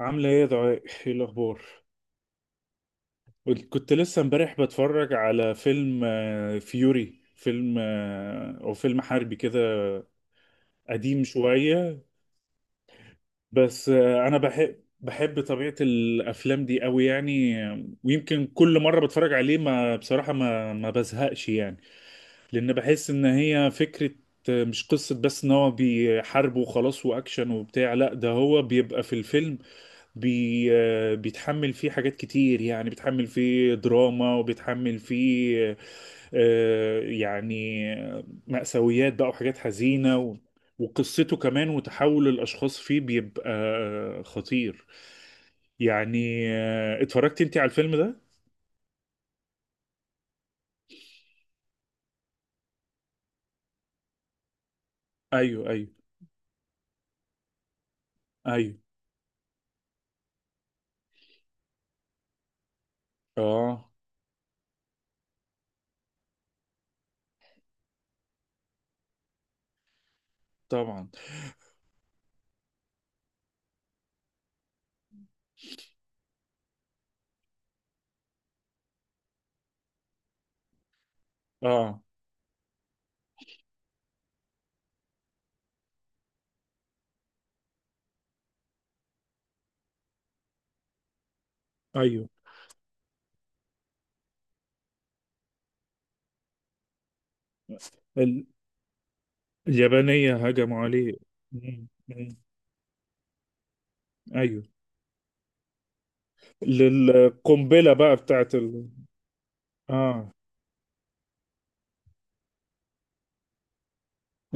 عاملة ايه يا دعاء؟ ايه الأخبار؟ كنت لسه امبارح بتفرج على فيلم، فيوري، فيلم أو فيلم حربي كده، قديم شوية. بس أنا بحب بحب طبيعة الأفلام دي أوي، يعني ويمكن كل مرة بتفرج عليه ما بصراحة ما بزهقش يعني. لان بحس ان هي فكرة، مش قصة بس ان هو بيحارب وخلاص واكشن وبتاع. لا، ده هو بيبقى في الفيلم بي آه، بيتحمل فيه حاجات كتير، يعني بيتحمل فيه دراما وبيتحمل فيه يعني مأساويات بقى وحاجات حزينة وقصته كمان، وتحول الأشخاص فيه بيبقى خطير يعني. اتفرجت انت على الفيلم ده؟ ايوه، ايوه، ايوه. اه، طبعا. اه، ايوه. ال- اليابانية هجموا عليه. مم. مم. ايوه، للقنبلة بقى بتاعت اه،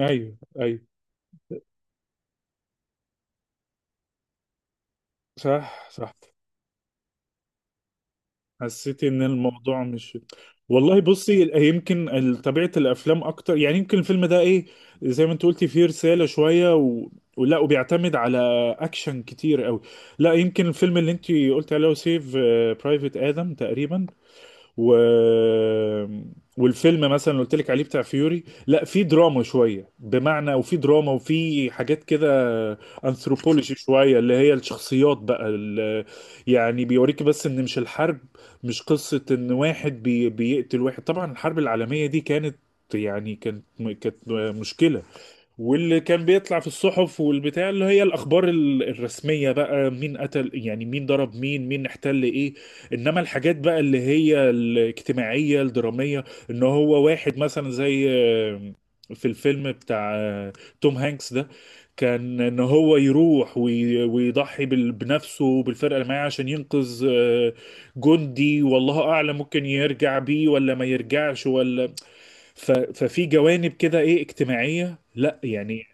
ايوه، ايوه. صح، صح. حسيت ان الموضوع مش... والله بصي، يمكن طبيعة الافلام اكتر، يعني يمكن الفيلم ده ايه، زي ما انت قلتي فيه رسالة شوية، و... ولا، وبيعتمد على اكشن كتير قوي. لا، يمكن الفيلم اللي انت قلت عليه سيف برايفت ادم تقريبا، و... والفيلم مثلا اللي قلت لك عليه بتاع فيوري، لا في دراما شويه، بمعنى وفي دراما وفي حاجات كده انثروبولوجي شويه، اللي هي الشخصيات بقى يعني بيوريك بس ان مش الحرب. مش قصه ان واحد بيقتل واحد. طبعا الحرب العالميه دي كانت، يعني كانت كانت مشكله. واللي كان بيطلع في الصحف والبتاع، اللي هي الاخبار الرسميه بقى، مين قتل، يعني مين ضرب، مين احتل ايه. انما الحاجات بقى اللي هي الاجتماعيه الدراميه، ان هو واحد مثلا زي في الفيلم بتاع توم هانكس ده، كان ان هو يروح ويضحي بنفسه وبالفرقه اللي معاه عشان ينقذ جندي، والله اعلم ممكن يرجع بيه ولا ما يرجعش ولا. ففي جوانب كده ايه اجتماعيه، لا يعني.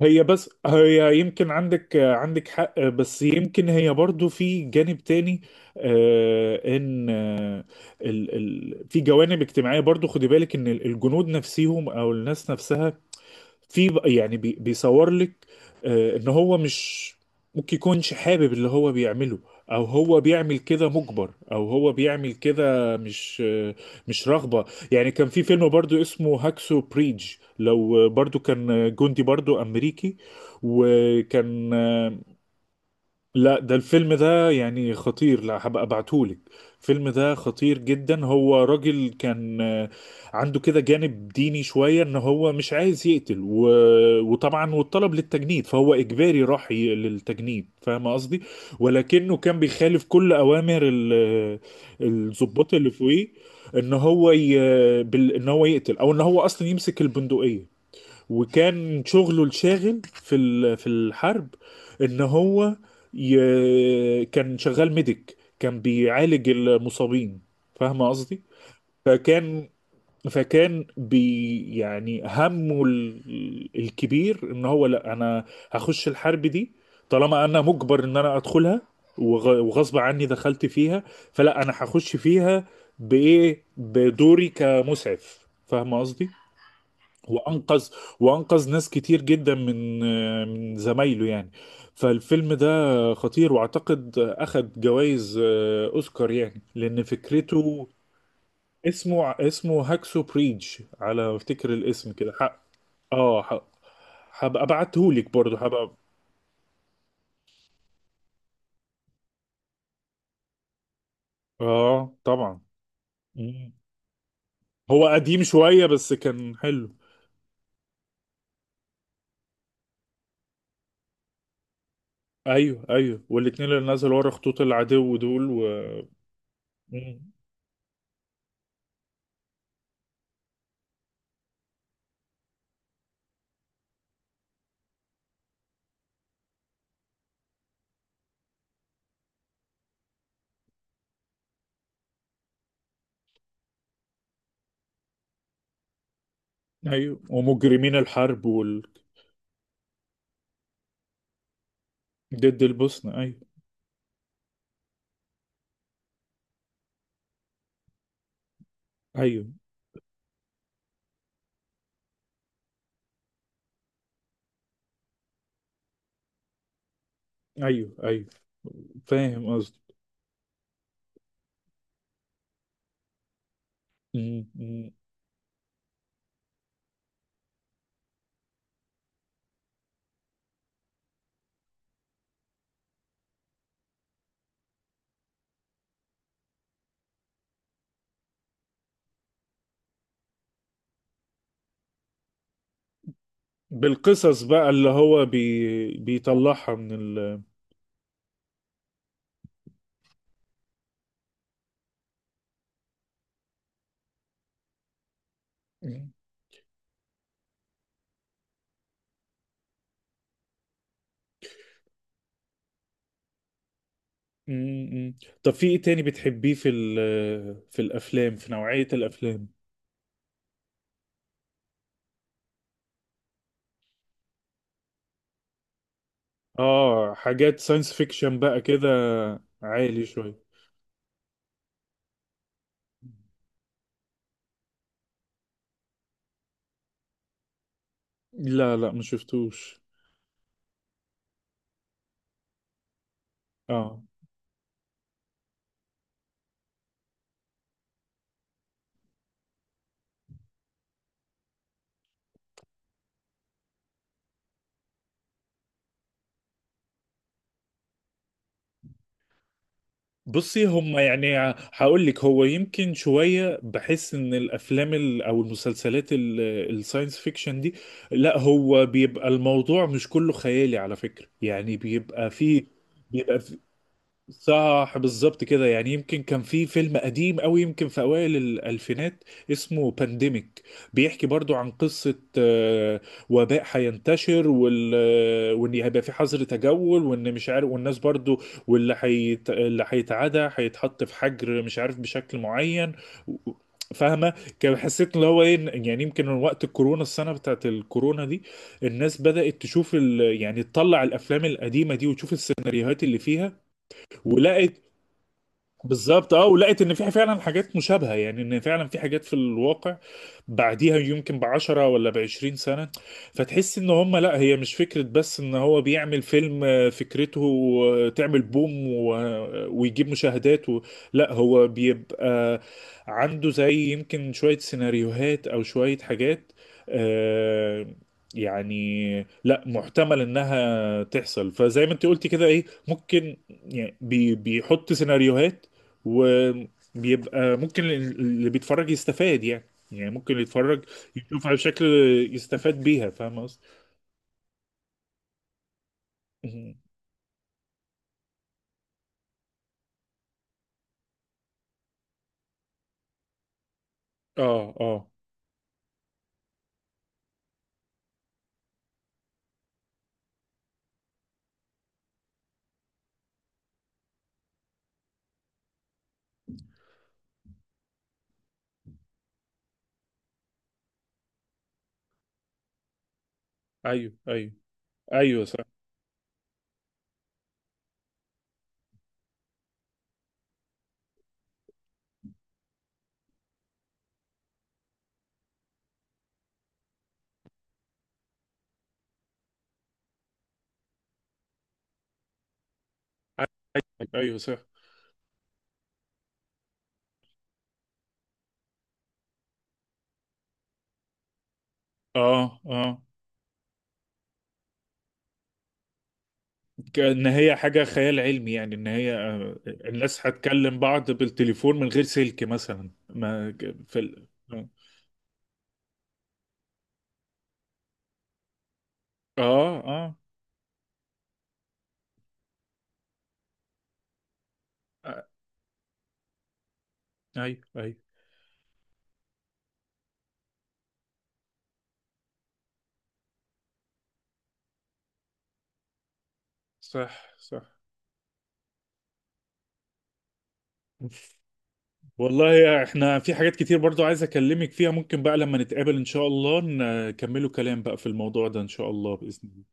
هي بس هي يمكن عندك عندك حق، بس يمكن هي برضو في جانب تاني، ان ال في جوانب اجتماعية برضو، خدي بالك ان الجنود نفسهم او الناس نفسها في يعني بيصور لك ان هو مش ممكن يكونش حابب اللي هو بيعمله، او هو بيعمل كده مجبر، او هو بيعمل كده مش مش رغبة. يعني كان في فيلم برضو اسمه هاكسو بريدج، لو برضو كان جندي برضو امريكي، وكان لا ده الفيلم ده يعني خطير، لا هبقى ابعتهولك. الفيلم ده خطير جدا. هو راجل كان عنده كده جانب ديني شوية، ان هو مش عايز يقتل، و... وطبعا والطلب للتجنيد فهو اجباري، راح للتجنيد، فاهم قصدي؟ ولكنه كان بيخالف كل اوامر الضباط اللي فوقيه، ان هو ي... بال... ان هو يقتل، او ان هو اصلا يمسك البندقية. وكان شغله الشاغل في في الحرب، ان هو ي... كان شغال ميديك، كان بيعالج المصابين، فاهم قصدي؟ فكان، فكان بي يعني، همه الكبير، ان هو لا، انا هخش الحرب دي طالما انا مجبر ان انا ادخلها، وغصب عني دخلت فيها، فلا انا هخش فيها بايه، بدوري كمسعف، فاهم قصدي؟ وانقذ، وانقذ ناس كتير جدا من زمايله يعني. فالفيلم ده خطير، واعتقد اخد جوائز اوسكار، يعني لان فكرته... اسمه اسمه هاكسو بريدج على ما افتكر، الاسم كده حق. اه، حق. هبقى ابعتهولك برضه، هبقى... اه طبعا. مم. هو قديم شوية بس كان حلو. ايوه، ايوه، والاتنين اللي نزلوا ورا خطوط العدو دول، و... مم. ايوه، ومجرمين الحرب ضد البوسنة، ايوه، ايوه، ايوه، ايوه، فاهم قصدي؟ م. بالقصص بقى، اللي هو بيطلعها من ال... م- م. طب في ايه تاني بتحبيه في ال... في الافلام، في نوعية الافلام؟ اه، حاجات ساينس فيكشن بقى كده؟ عالي شوية. لا لا، ما شفتوش. اه، بصي، هم يعني هقول لك، هو يمكن شوية بحس ان الافلام او المسلسلات الساينس فيكشن دي، لا هو بيبقى الموضوع مش كله خيالي على فكرة، يعني بيبقى فيه، بيبقى صح بالظبط كده. يعني يمكن كان في فيلم قديم أوي، يمكن في أوائل الألفينات، اسمه بانديميك، بيحكي برضو عن قصة وباء هينتشر، وال... وإن هيبقى في حظر تجول، وإن مش عارف، والناس برضو اللي هيتعدى هيتحط في حجر مش عارف بشكل معين، و- فاهمة؟ كان حسيت اللي هو ايه، يعني يمكن من وقت الكورونا، السنة بتاعت الكورونا دي، الناس بدأت تشوف ال... يعني تطلع الأفلام القديمة دي وتشوف السيناريوهات اللي فيها. ولقت بالظبط، اه، ولقيت ان في فعلا حاجات مشابهه، يعني ان فعلا في حاجات في الواقع بعديها يمكن ب10 ولا ب20 سنة. فتحس ان هم لا، هي مش فكره بس ان هو بيعمل فيلم فكرته تعمل بوم، ويجيب مشاهدات و... لا هو بيبقى عنده زي يمكن شويه سيناريوهات او شويه حاجات، آه، يعني لا، محتمل انها تحصل، فزي ما انت قلتي كده ايه ممكن، يعني بيحط سيناريوهات، وبيبقى ممكن اللي بيتفرج يستفاد، يعني ممكن اللي يتفرج يشوفها بشكل يستفاد بيها، فاهم قصدي؟ مهم. اه، اه. ايوه، ايوه. ايوه، صح. ايوه، صح. اه، اه. كأن هي حاجة خيال علمي، يعني ان هي الناس هتكلم بعض بالتليفون من غير سلك، مثلا ما في ال... اه، اه. آه، ايوه، ايوه. صح، صح. والله احنا في حاجات كتير برضو عايز اكلمك فيها، ممكن بقى لما نتقابل ان شاء الله نكملوا كلام بقى في الموضوع ده ان شاء الله بإذن الله.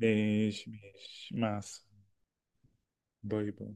ماشي، ماشي، مع السلامة. باي باي.